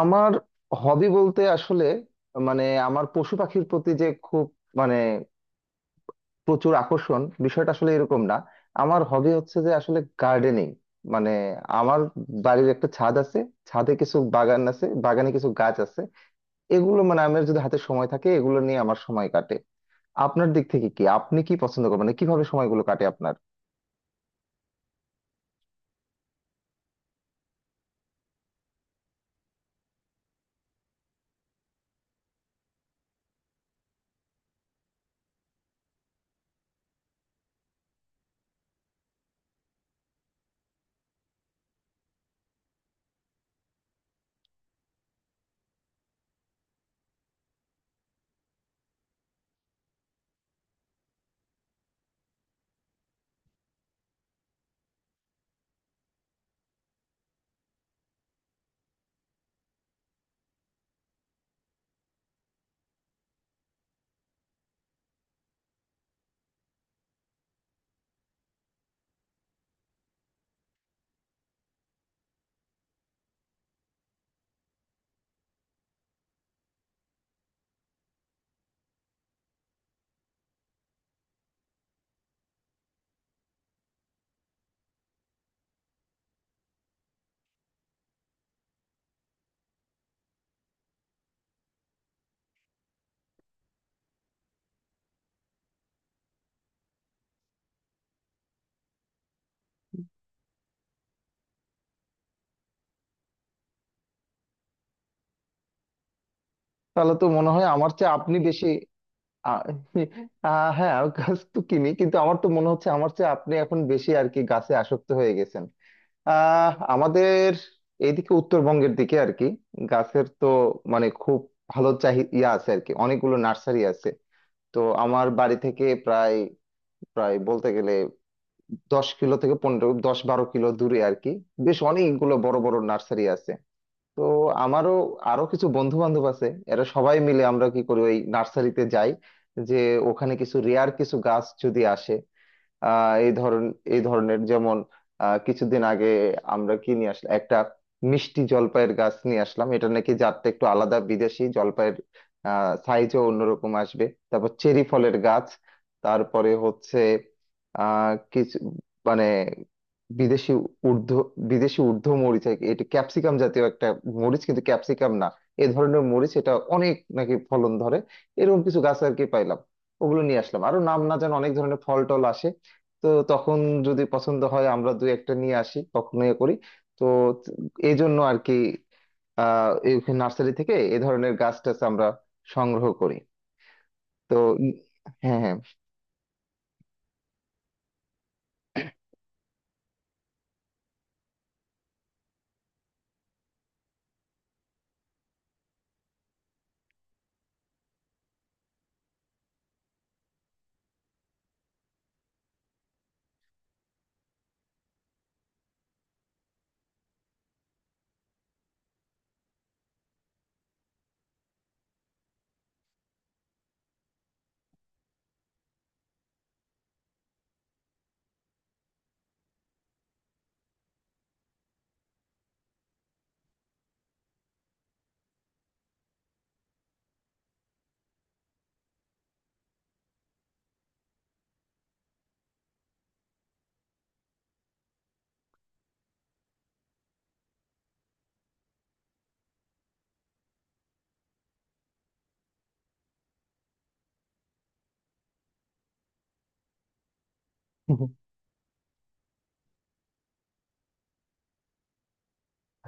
আমার হবি বলতে আসলে মানে আমার পশু পাখির প্রতি যে খুব মানে প্রচুর আকর্ষণ বিষয়টা আসলে এরকম না। আমার হবি হচ্ছে যে আসলে গার্ডেনিং। মানে আমার বাড়ির একটা ছাদ আছে, ছাদে কিছু বাগান আছে, বাগানে কিছু গাছ আছে। এগুলো মানে আমার যদি হাতে সময় থাকে এগুলো নিয়ে আমার সময় কাটে। আপনার দিক থেকে কি আপনি কি পছন্দ করেন, মানে কিভাবে সময়গুলো কাটে আপনার? তাহলে তো মনে হয় আমার চেয়ে আপনি বেশি। আ- আহ হ্যাঁ, আমি গাছ তো কিনি, কিন্তু আমার তো মনে হচ্ছে আমার চেয়ে আপনি এখন বেশি আর কি গাছে আসক্ত হয়ে গেছেন। আমাদের এইদিকে উত্তরবঙ্গের দিকে আর কি গাছের তো মানে খুব ভালো চাহি ইয়া আছে আর কি, অনেকগুলো নার্সারি আছে। তো আমার বাড়ি থেকে প্রায় প্রায় বলতে গেলে 10 কিলো থেকে 15 10 12 কিলো দূরে আর কি বেশ অনেকগুলো বড় বড় নার্সারি আছে। তো আমারও আরো কিছু বন্ধু বান্ধব আছে, এরা সবাই মিলে আমরা কি করি ওই নার্সারিতে যাই। যে ওখানে কিছু রেয়ার কিছু গাছ যদি আসে আহ এই ধরন এই ধরনের, যেমন কিছুদিন আগে আমরা কি নিয়ে আসলাম একটা মিষ্টি জলপাইয়ের গাছ নিয়ে আসলাম। এটা নাকি জাতটা একটু আলাদা বিদেশি জলপাইয়ের, সাইজও অন্যরকম আসবে। তারপর চেরি ফলের গাছ, তারপরে হচ্ছে কিছু মানে বিদেশি ঊর্ধ্ব বিদেশি ঊর্ধ্ব মরিচ আর কি, এটা ক্যাপসিকাম জাতীয় একটা মরিচ কিন্তু ক্যাপসিকাম না, এ ধরনের মরিচ। এটা অনেক নাকি ফলন ধরে। এরকম কিছু গাছ আর কি পাইলাম, ওগুলো নিয়ে আসলাম। আরো নাম না যেন অনেক ধরনের ফল টল আসে, তো তখন যদি পছন্দ হয় আমরা দুই একটা নিয়ে আসি, তখন ইয়ে করি। তো এই জন্য আর কি এই নার্সারি থেকে এ ধরনের গাছ টাছ আমরা সংগ্রহ করি। তো ই- হ্যাঁ, হ্যাঁ।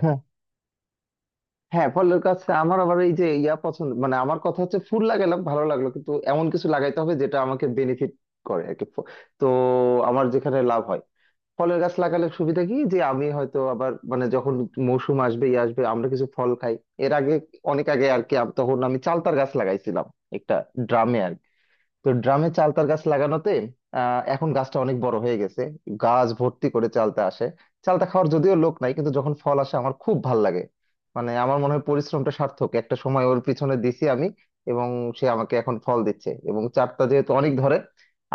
হ্যাঁ, হ্যাঁ, ফলের গাছ আমার আবার এই যে ইয়া পছন্দ। মানে আমার কথা হচ্ছে ফুল লাগালাম ভালো লাগলো, কিন্তু এমন কিছু লাগাইতে হবে যেটা আমাকে বেনিফিট করে আর কি। তো আমার যেখানে লাভ হয়, ফলের গাছ লাগালে সুবিধা কি যে আমি হয়তো আবার মানে যখন মৌসুম আসবে ই আসবে আমরা কিছু ফল খাই। এর আগে অনেক আগে আর কি তখন আমি চালতার গাছ লাগাইছিলাম একটা ড্রামে। তো ড্রামে চালতার গাছ লাগানোতে এখন গাছটা অনেক বড় হয়ে গেছে, গাছ ভর্তি করে চালতা আসে। চালতা খাওয়ার যদিও লোক নাই, কিন্তু যখন ফল আসে আমার খুব ভাল লাগে। মানে আমার মনে হয় পরিশ্রমটা সার্থক, একটা সময় ওর পিছনে দিছি আমি, এবং সে আমাকে এখন ফল দিচ্ছে। এবং চারটা যেহেতু অনেক ধরে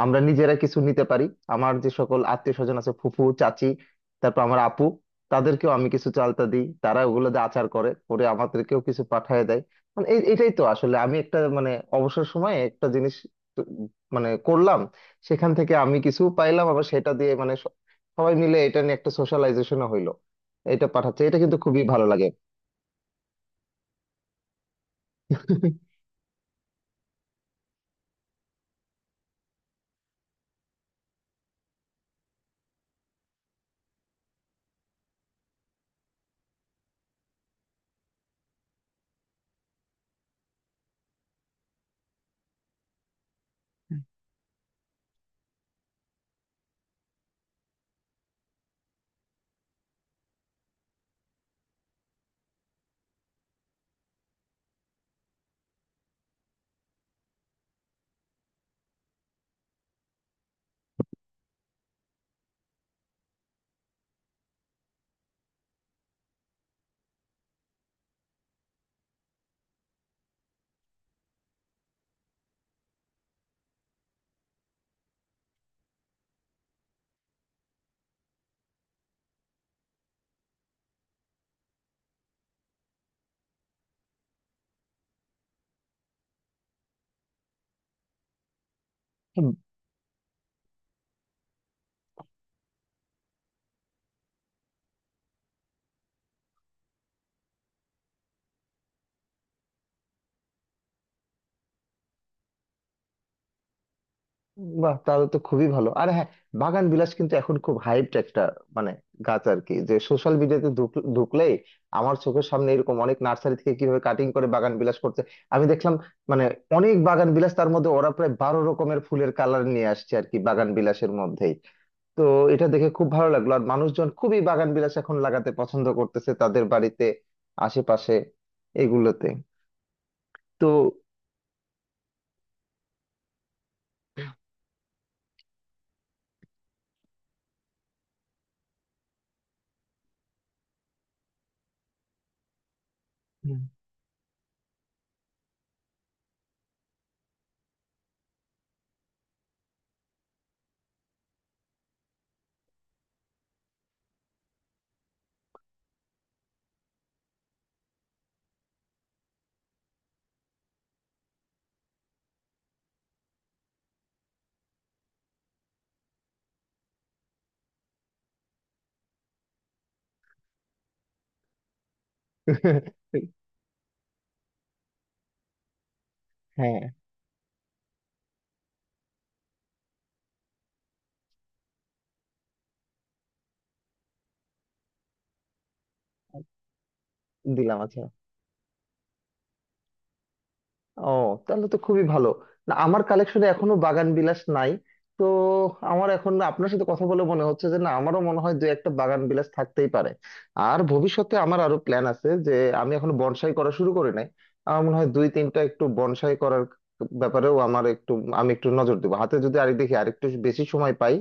আমরা নিজেরা কিছু নিতে পারি। আমার যে সকল আত্মীয় স্বজন আছে, ফুফু চাচি, তারপর আমার আপু, তাদেরকেও আমি কিছু চালতা দিই। তারা ওগুলো দিয়ে আচার করে করে আমাদেরকেও কিছু পাঠিয়ে দেয়। মানে এটাই তো আসলে আমি একটা মানে অবসর সময়ে একটা জিনিস মানে করলাম, সেখান থেকে আমি কিছু পাইলাম, আবার সেটা দিয়ে মানে সবাই মিলে এটা নিয়ে একটা সোশ্যালাইজেশনও হইলো। এটা পাঠাচ্ছে এটা, কিন্তু খুবই ভালো লাগে। হুম। বাহ, তাহলে তো খুবই ভালো। আর হ্যাঁ, বাগান বিলাস কিন্তু এখন খুব হাইপড একটা মানে গাছ আর কি, যে সোশ্যাল মিডিয়াতে ঢুকলেই আমার চোখের সামনে এরকম অনেক নার্সারি থেকে কিভাবে কাটিং করে বাগান বিলাস করছে আমি দেখলাম। মানে অনেক বাগান বিলাস, তার মধ্যে ওরা প্রায় 12 রকমের ফুলের কালার নিয়ে আসছে আর কি বাগান বিলাসের মধ্যে। তো এটা দেখে খুব ভালো লাগলো। আর মানুষজন খুবই বাগান বিলাস এখন লাগাতে পছন্দ করতেছে তাদের বাড়িতে, আশেপাশে, এগুলোতে। তো হুম। হ্যাঁ, দিলাম আছে। ও, তাহলে তো খুবই ভালো। না, আমার কালেকশনে এখনো বাগান বিলাস নাই। তো আমার এখন না আপনার সাথে কথা বলে মনে হচ্ছে যে না আমারও মনে হয় দু একটা বাগান বিলাস থাকতেই পারে। আর ভবিষ্যতে আমার আরো প্ল্যান আছে যে আমি এখন বনসাই করা শুরু করি নাই, আমার মনে হয় 2 3টা একটু বনসাই করার ব্যাপারেও আমার একটু আমি একটু নজর দেবো, হাতে যদি আরেক দেখি আরেকটু বেশি সময় পাই।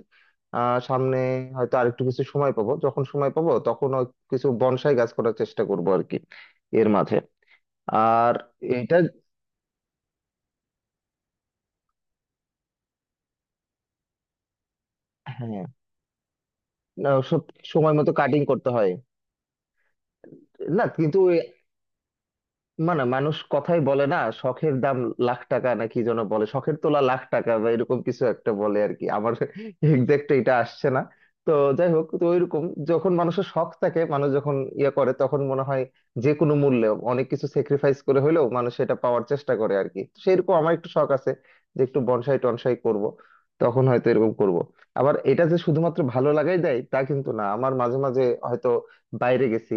সামনে হয়তো আরেকটু কিছু সময় পাবো, যখন সময় পাবো তখন কিছু বনসাই গাছ করার চেষ্টা করবো আর কি এর মাঝে। আর এটা হ্যাঁ। না, সব সময় মতো কাটিং করতে হয়, না কিন্তু মানে মানুষ কথাই বলে না শখের দাম লাখ টাকা, নাকি যেন বলে শখের তোলা লাখ টাকা বা এরকম কিছু একটা বলে আর কি, আমার এক্সাক্ট এটা আসছে না। তো যাই হোক, তো ওইরকম যখন মানুষের শখ থাকে, মানুষ যখন ইয়ে করে তখন মনে হয় যে কোনো মূল্যে অনেক কিছু স্যাক্রিফাইস করে হলেও মানুষ এটা পাওয়ার চেষ্টা করে আর কি। সেইরকম আমার একটু শখ আছে যে একটু বনসাই টনসাই করব, তখন হয়তো এরকম করব। আবার এটা যে শুধুমাত্র ভালো লাগাই দেয় তা কিন্তু না। আমার মাঝে মাঝে হয়তো বাইরে গেছি,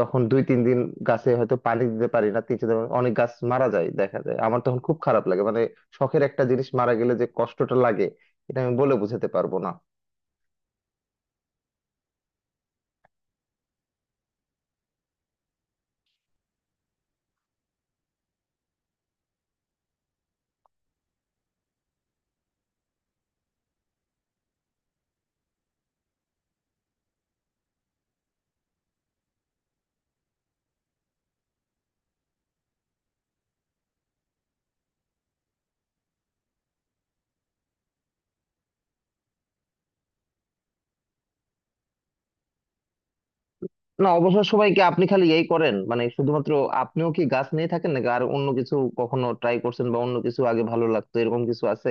তখন 2 3 দিন গাছে হয়তো পানি দিতে পারি না, 3 4 দিন, অনেক গাছ মারা যায় দেখা যায়। আমার তখন খুব খারাপ লাগে, মানে শখের একটা জিনিস মারা গেলে যে কষ্টটা লাগে, এটা আমি বলে বোঝাতে পারবো না। না, অবসর সময় কি আপনি খালি এই করেন, মানে শুধুমাত্র আপনিও কি গাছ নিয়ে থাকেন নাকি আর অন্য কিছু কখনো ট্রাই করছেন, বা অন্য কিছু আগে ভালো লাগতো এরকম কিছু আছে?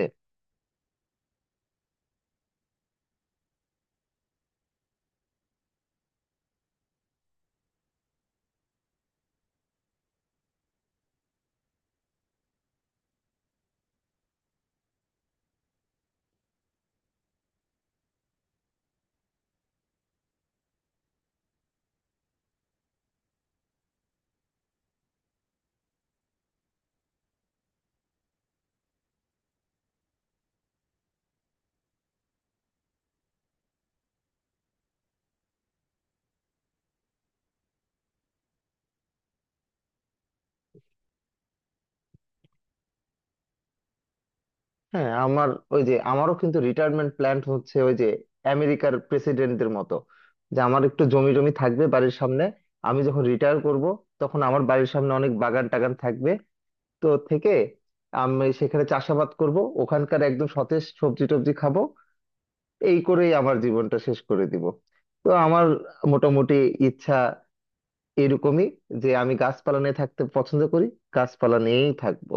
হ্যাঁ, আমার ওই যে আমারও কিন্তু রিটায়ারমেন্ট প্ল্যান হচ্ছে ওই যে আমেরিকার প্রেসিডেন্টদের মতো যে আমার একটু জমি জমি থাকবে বাড়ির সামনে। আমি যখন রিটায়ার করব তখন আমার বাড়ির সামনে অনেক বাগান টাগান থাকবে। তো থেকে আমি সেখানে চাষাবাদ করব, ওখানকার একদম সতেজ সবজি টবজি খাবো। এই করেই আমার জীবনটা শেষ করে দিব। তো আমার মোটামুটি ইচ্ছা এরকমই, যে আমি গাছপালা নিয়ে থাকতে পছন্দ করি, গাছপালা নিয়েই থাকবো।